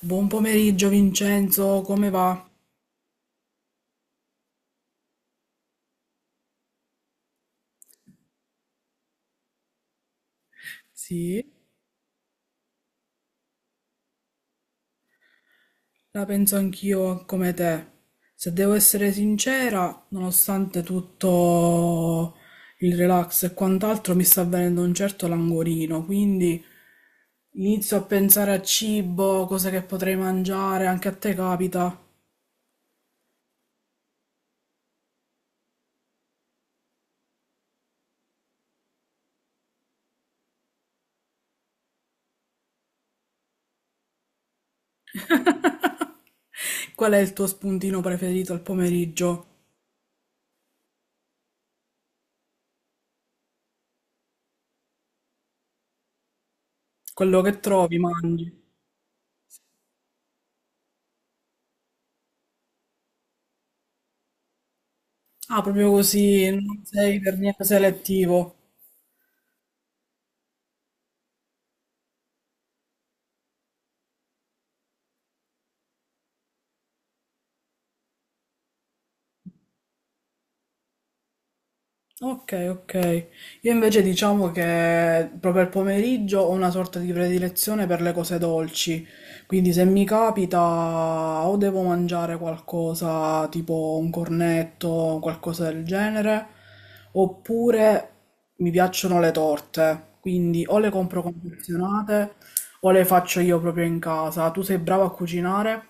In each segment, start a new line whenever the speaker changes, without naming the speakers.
Buon pomeriggio Vincenzo, come va? Sì, la penso anch'io come te. Se devo essere sincera, nonostante tutto il relax e quant'altro, mi sta venendo un certo languorino, quindi inizio a pensare a cibo, cose che potrei mangiare, anche a te capita. Qual è il tuo spuntino preferito al pomeriggio? Quello che trovi, mangi. Ah, proprio così, non sei per niente selettivo. Ok, ok. Io invece diciamo che proprio al pomeriggio ho una sorta di predilezione per le cose dolci, quindi se mi capita o devo mangiare qualcosa tipo un cornetto, qualcosa del genere, oppure mi piacciono le torte, quindi o le compro confezionate o le faccio io proprio in casa. Tu sei brava a cucinare?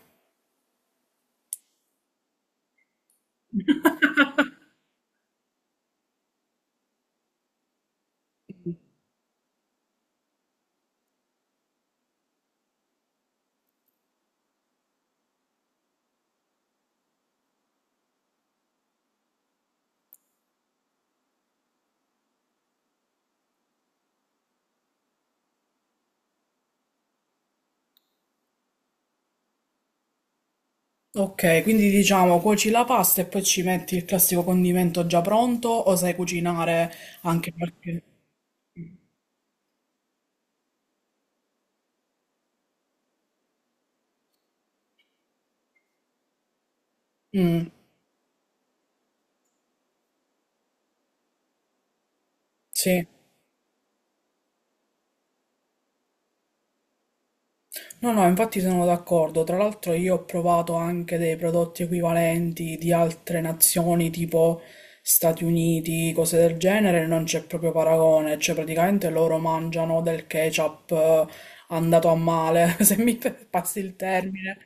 Ok, quindi diciamo cuoci la pasta e poi ci metti il classico condimento già pronto o sai cucinare anche qualche... Mm, sì. No, no, infatti sono d'accordo. Tra l'altro io ho provato anche dei prodotti equivalenti di altre nazioni, tipo Stati Uniti, cose del genere, non c'è proprio paragone. Cioè, praticamente loro mangiano del ketchup andato a male, se mi passi il termine.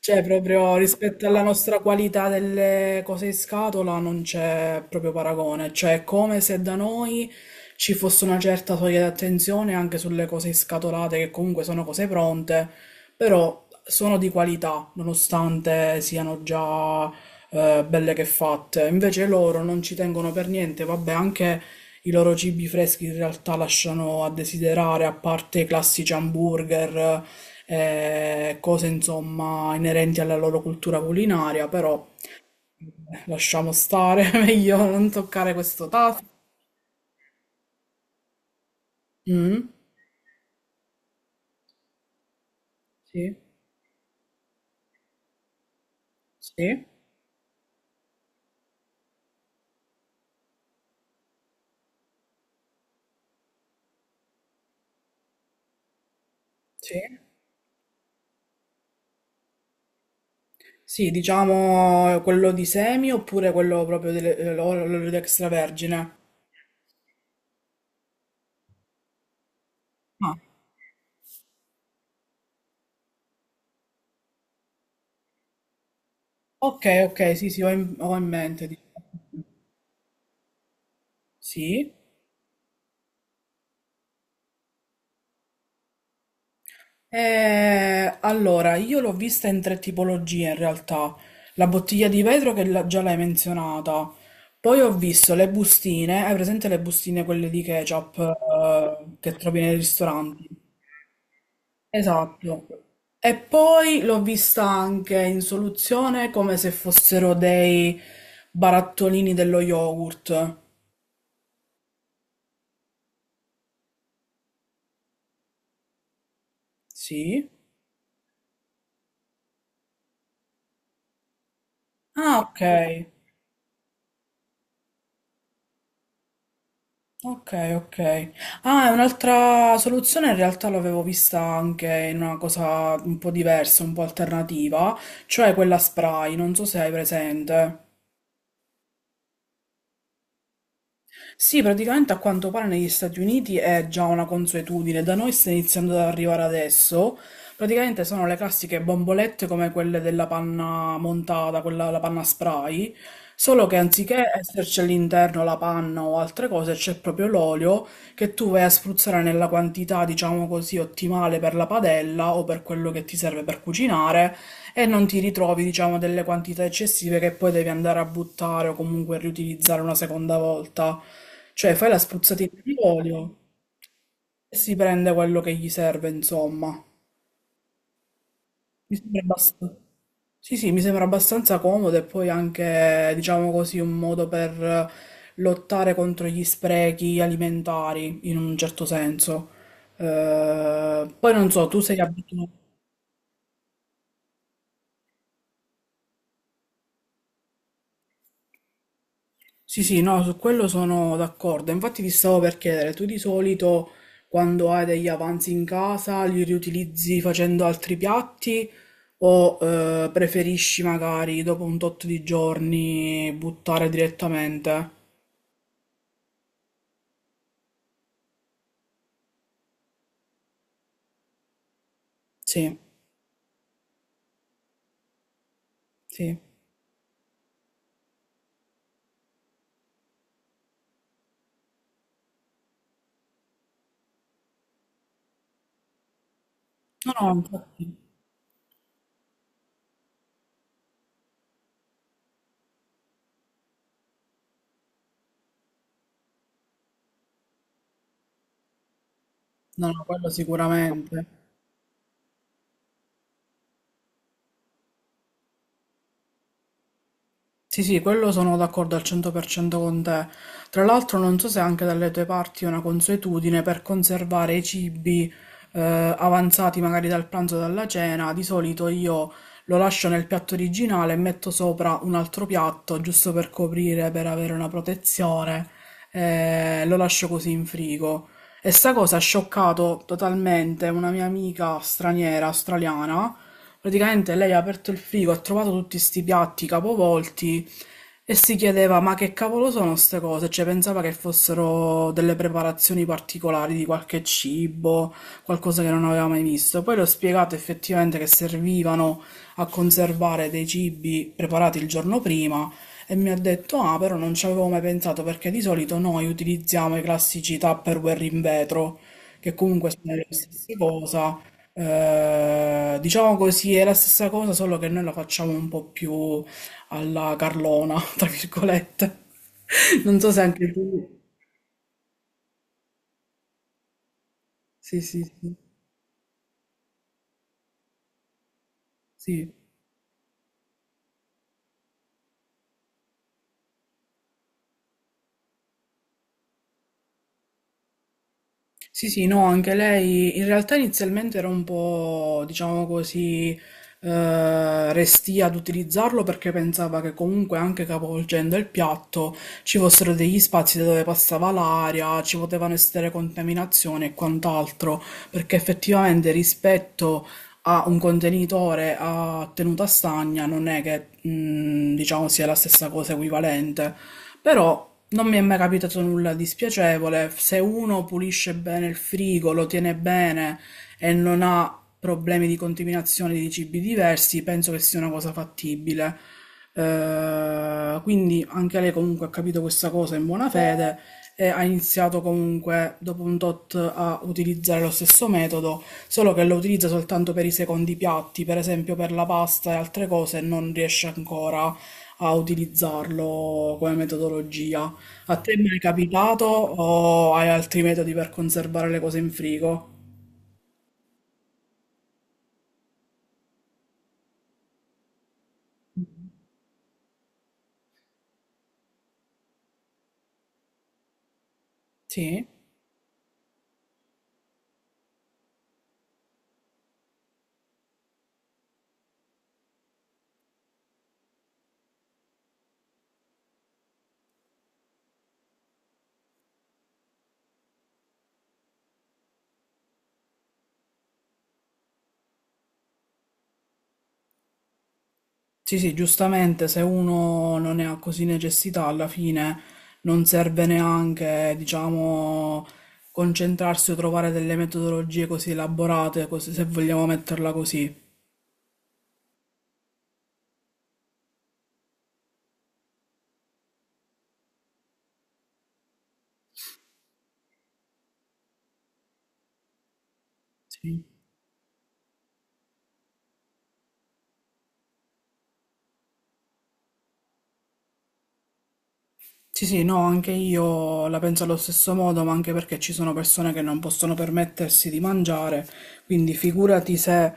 Cioè, proprio rispetto alla nostra qualità delle cose in scatola non c'è proprio paragone. Cioè, è come se da noi ci fosse una certa soglia di attenzione anche sulle cose scatolate, che comunque sono cose pronte, però sono di qualità, nonostante siano già belle che fatte. Invece loro non ci tengono per niente, vabbè, anche i loro cibi freschi in realtà lasciano a desiderare, a parte i classici hamburger, cose insomma inerenti alla loro cultura culinaria, però lasciamo stare, meglio non toccare questo tasto. Mm, sì, sì, sì. Sì, diciamo quello di semi oppure quello proprio dell'olio di extravergine. Ah, ok, ok, sì, sì, ho in mente. Diciamo. Sì. Allora, io l'ho vista in tre tipologie in realtà. La bottiglia di vetro che già l'hai menzionata. Poi ho visto le bustine, hai presente le bustine quelle di ketchup che trovi nei ristoranti? Esatto. E poi l'ho vista anche in soluzione come se fossero dei barattolini dello yogurt. Sì. Ah, ok. Ok, ok. Ah, è un'altra soluzione in realtà l'avevo vista anche in una cosa un po' diversa, un po' alternativa, cioè quella spray, non so se hai presente. Sì, praticamente a quanto pare negli Stati Uniti è già una consuetudine, da noi sta iniziando ad arrivare adesso. Praticamente sono le classiche bombolette come quelle della panna montata, quella la panna spray, solo che anziché esserci all'interno la panna o altre cose, c'è proprio l'olio che tu vai a spruzzare nella quantità, diciamo così, ottimale per la padella o per quello che ti serve per cucinare e non ti ritrovi, diciamo, delle quantità eccessive che poi devi andare a buttare o comunque riutilizzare una seconda volta. Cioè, fai la spruzzatina di olio e si prende quello che gli serve, insomma. Mi sembra abbastanza... Sì, sì, mi sembra abbastanza comodo e poi anche, diciamo così, un modo per lottare contro gli sprechi alimentari, in un certo senso. Poi non so, tu sei abituato... Sì, sì, no, su quello sono d'accordo. Infatti ti stavo per chiedere, tu di solito quando hai degli avanzi in casa li riutilizzi facendo altri piatti o preferisci magari dopo un tot di giorni buttare direttamente? Sì, sì. No, no, infatti, no, no, quello sicuramente. Sì, sì, quello sono d'accordo al 100% con te. Tra l'altro non so se anche dalle tue parti è una consuetudine per conservare i cibi avanzati magari dal pranzo o dalla cena. Di solito io lo lascio nel piatto originale e metto sopra un altro piatto giusto per coprire, per avere una protezione. Eh, lo lascio così in frigo. E sta cosa ha scioccato totalmente una mia amica straniera, australiana. Praticamente lei ha aperto il frigo, ha trovato tutti sti piatti capovolti e si chiedeva: ma che cavolo sono queste cose? Cioè, pensava che fossero delle preparazioni particolari di qualche cibo, qualcosa che non aveva mai visto. Poi le ho spiegato effettivamente che servivano a conservare dei cibi preparati il giorno prima. E mi ha detto: ah, però non ci avevo mai pensato perché di solito noi utilizziamo i classici Tupperware in vetro, che comunque sono la stessa cosa, diciamo così, è la stessa cosa, solo che noi la facciamo un po' più alla Carlona, tra virgolette. Non so se anche tu. Sì, sì, sì. Sì, sì, sì, no, anche lei in realtà inizialmente era un po', diciamo così, restia ad utilizzarlo perché pensava che comunque anche capovolgendo il piatto ci fossero degli spazi da dove passava l'aria, ci potevano essere contaminazioni e quant'altro, perché effettivamente rispetto a un contenitore a tenuta stagna non è che diciamo sia la stessa cosa equivalente, però non mi è mai capitato nulla di spiacevole. Se uno pulisce bene il frigo, lo tiene bene e non ha problemi di contaminazione di cibi diversi, penso che sia una cosa fattibile. Quindi anche lei comunque ha capito questa cosa in buona fede e ha iniziato comunque dopo un tot a utilizzare lo stesso metodo, solo che lo utilizza soltanto per i secondi piatti, per esempio per la pasta e altre cose, non riesce ancora a utilizzarlo come metodologia. A te mi è capitato o hai altri metodi per conservare le cose in frigo? Sì. Sì, sì, giustamente, se uno non ne ha così necessità, alla fine non serve neanche, diciamo, concentrarsi o trovare delle metodologie così elaborate, così, se vogliamo metterla così. Sì. Sì, sì, no, anche io la penso allo stesso modo, ma anche perché ci sono persone che non possono permettersi di mangiare, quindi figurati se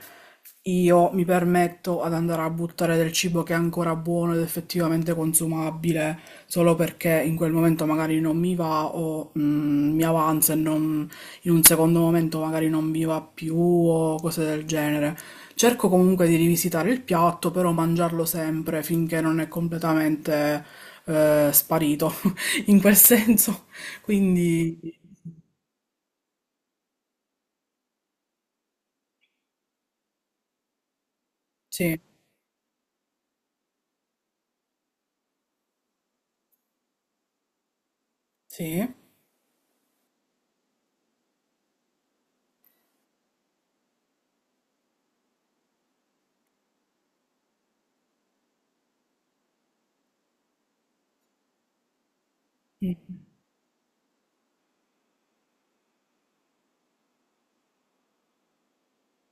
io mi permetto ad andare a buttare del cibo che è ancora buono ed effettivamente consumabile, solo perché in quel momento magari non mi va o mi avanza, in un secondo momento magari non mi va più o cose del genere. Cerco comunque di rivisitare il piatto, però mangiarlo sempre finché non è completamente sparito in quel senso. Quindi sì, sì.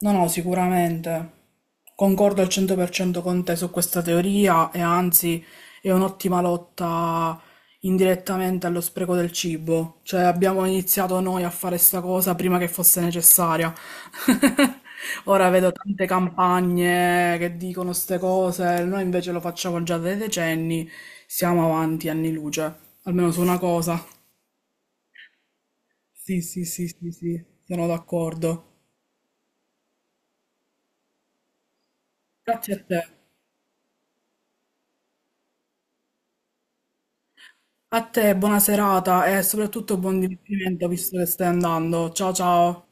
No, no, sicuramente. Concordo al 100% con te su questa teoria e anzi è un'ottima lotta indirettamente allo spreco del cibo. Cioè abbiamo iniziato noi a fare sta cosa prima che fosse necessaria. Ora vedo tante campagne che dicono ste cose, noi invece lo facciamo già da decenni, siamo avanti anni luce, almeno su una cosa. Sì, sì, sì, sì, sì, sono d'accordo. Grazie a te. A te, buona serata e soprattutto buon divertimento visto che stai andando. Ciao, ciao.